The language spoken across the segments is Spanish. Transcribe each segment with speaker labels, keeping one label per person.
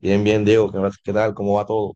Speaker 1: Bien, bien, Diego, qué tal? ¿Cómo va todo?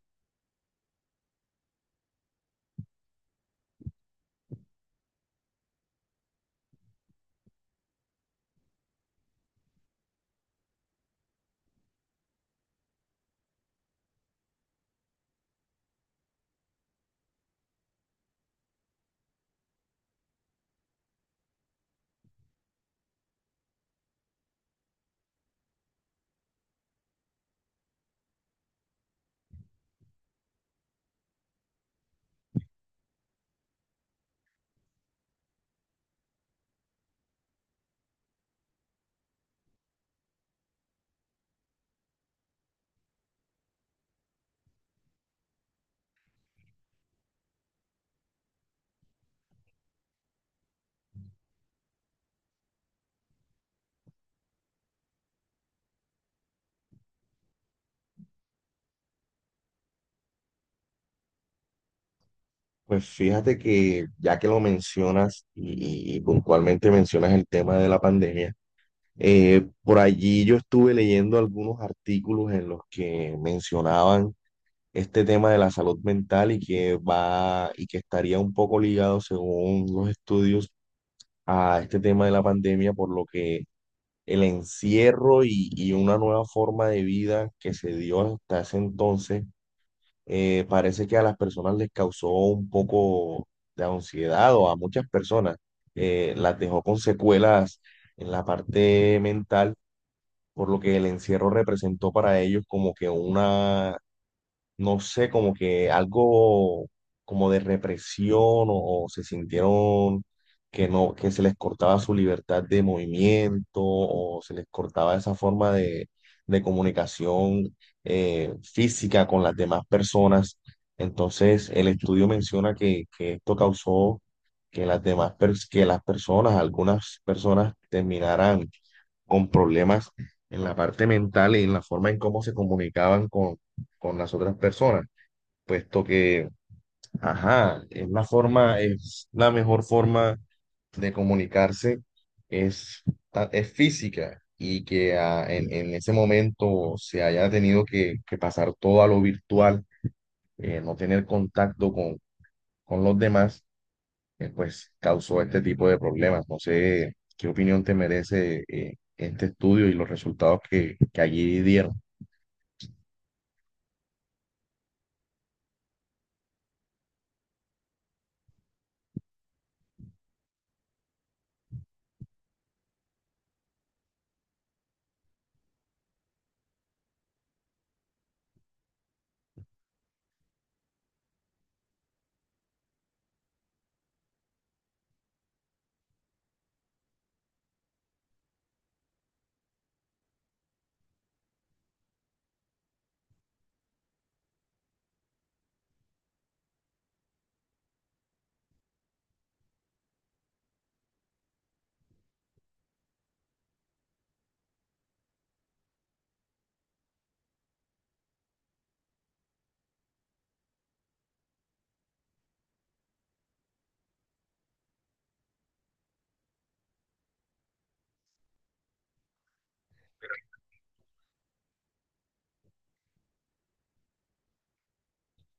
Speaker 1: Pues fíjate que ya que lo mencionas y puntualmente mencionas el tema de la pandemia, por allí yo estuve leyendo algunos artículos en los que mencionaban este tema de la salud mental y que va y que estaría un poco ligado, según los estudios, a este tema de la pandemia, por lo que el encierro y una nueva forma de vida que se dio hasta ese entonces parece que a las personas les causó un poco de ansiedad o a muchas personas las dejó con secuelas en la parte mental, por lo que el encierro representó para ellos como que una, no sé, como que algo como de represión o se sintieron que no, que se les cortaba su libertad de movimiento o se les cortaba esa forma de comunicación física con las demás personas. Entonces, el estudio menciona que esto causó que las que las personas, algunas personas terminaran con problemas en la parte mental y en la forma en cómo se comunicaban con las otras personas, puesto que, ajá, es la forma, es la mejor forma de comunicarse es, es física y que en ese momento se haya tenido que pasar todo a lo virtual, no tener contacto con los demás, pues causó este tipo de problemas. No sé qué opinión te merece este estudio y los resultados que allí dieron.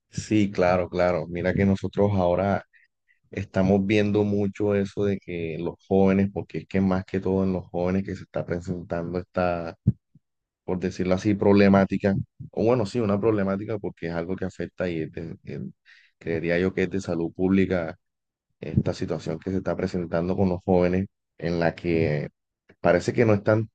Speaker 1: Sí, claro, claro. Mira que nosotros ahora estamos viendo mucho eso de que los jóvenes, porque es que más que todo en los jóvenes que se está presentando esta, por decirlo así, problemática, o bueno, sí, una problemática porque es algo que afecta y creería yo que es de salud pública esta situación que se está presentando con los jóvenes, en la que parece que no están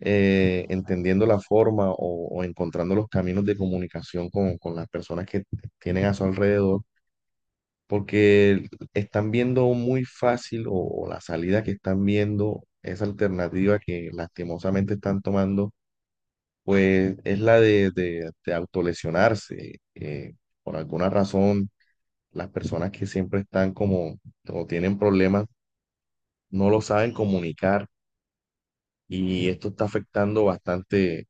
Speaker 1: entendiendo la forma o encontrando los caminos de comunicación con las personas que tienen a su alrededor, porque están viendo muy fácil o la salida que están viendo, esa alternativa que lastimosamente están tomando, pues es la de autolesionarse. Eh, por alguna razón, las personas que siempre están como o tienen problemas no lo saben comunicar y esto está afectando bastante,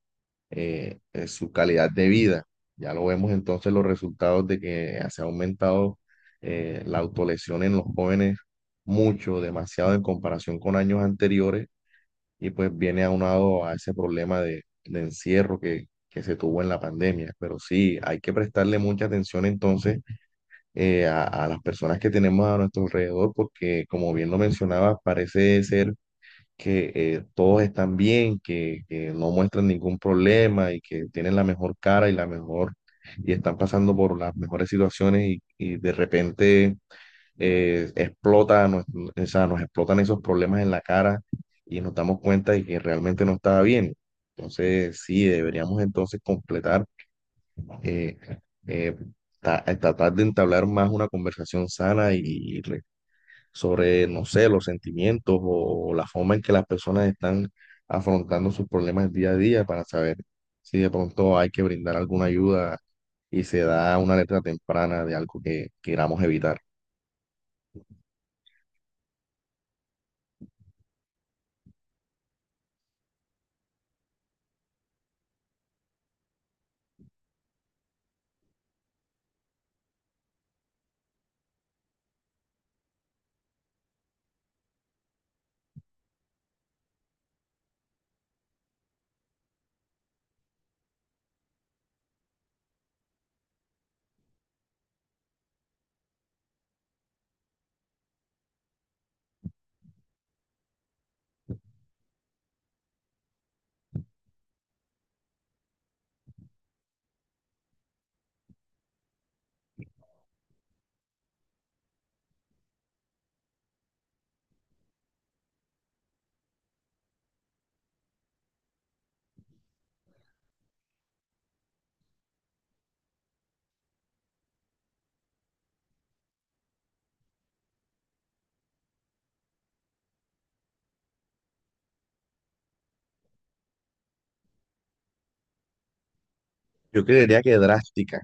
Speaker 1: su calidad de vida. Ya lo vemos entonces los resultados de que se ha aumentado, la autolesión en los jóvenes mucho, demasiado en comparación con años anteriores y pues viene aunado a ese problema de encierro que se tuvo en la pandemia. Pero sí, hay que prestarle mucha atención entonces, a las personas que tenemos a nuestro alrededor porque como bien lo mencionaba, parece ser que todos están bien, que no muestran ningún problema y que tienen la mejor cara y la mejor, y están pasando por las mejores situaciones y de repente explota, nos, o sea, nos explotan esos problemas en la cara y nos damos cuenta de que realmente no estaba bien. Entonces, sí, deberíamos entonces completar, eh, eh, tratar de entablar más una conversación sana y, sobre, no sé, los sentimientos o la forma en que las personas están afrontando sus problemas día a día para saber si de pronto hay que brindar alguna ayuda y se da una letra temprana de algo que queramos evitar. Yo creería que drástica.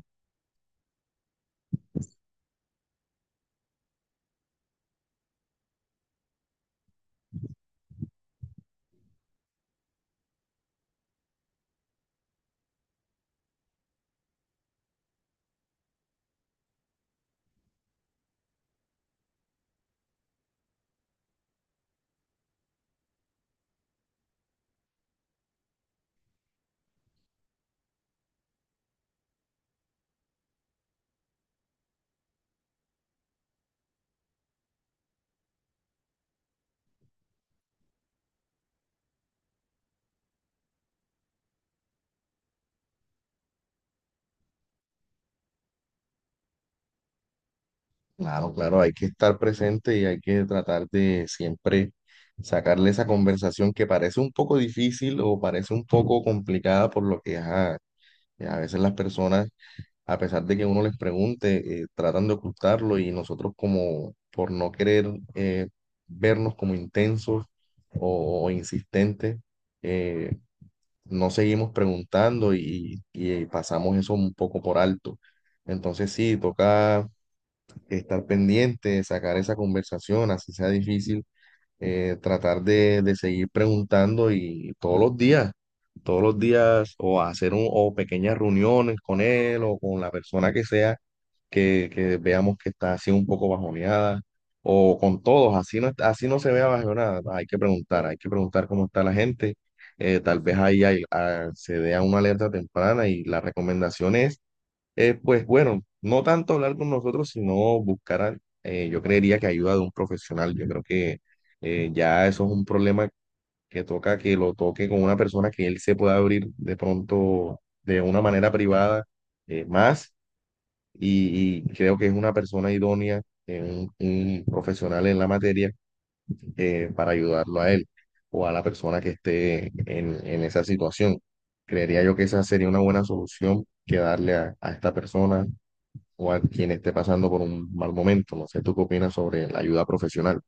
Speaker 1: Claro, claro, hay que estar presente y hay que tratar de siempre sacarle esa conversación que parece un poco difícil o parece un poco complicada por lo que ajá, a veces las personas a pesar de que uno les pregunte, tratan de ocultarlo y nosotros como por no querer eh, vernos como intensos o insistentes, eh, no seguimos preguntando y pasamos eso un poco por alto. Entonces sí, toca estar pendiente, sacar esa conversación, así sea difícil, tratar de seguir preguntando y todos los días o hacer un, o pequeñas reuniones con él o con la persona que sea que veamos que está así un poco bajoneada, o con todos, así no, así no se vea bajoneada, hay que preguntar cómo está la gente, tal vez ahí se dé a una alerta temprana y la recomendación es, pues bueno, no tanto hablar con nosotros, sino buscar, a- yo creería que ayuda de un profesional, yo creo que ya eso es un problema que toca que lo toque con una persona que él se pueda abrir de pronto de una manera privada más y creo que es una persona idónea, un profesional en la materia, para ayudarlo a él o a la persona que esté en esa situación. Creería yo que esa sería una buena solución que darle a esta persona o a quien esté pasando por un mal momento. No sé, ¿tú qué opinas sobre la ayuda profesional?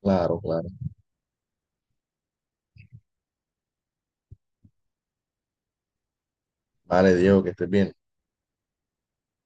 Speaker 1: Claro, claro. Vale, Diego, que estés bien.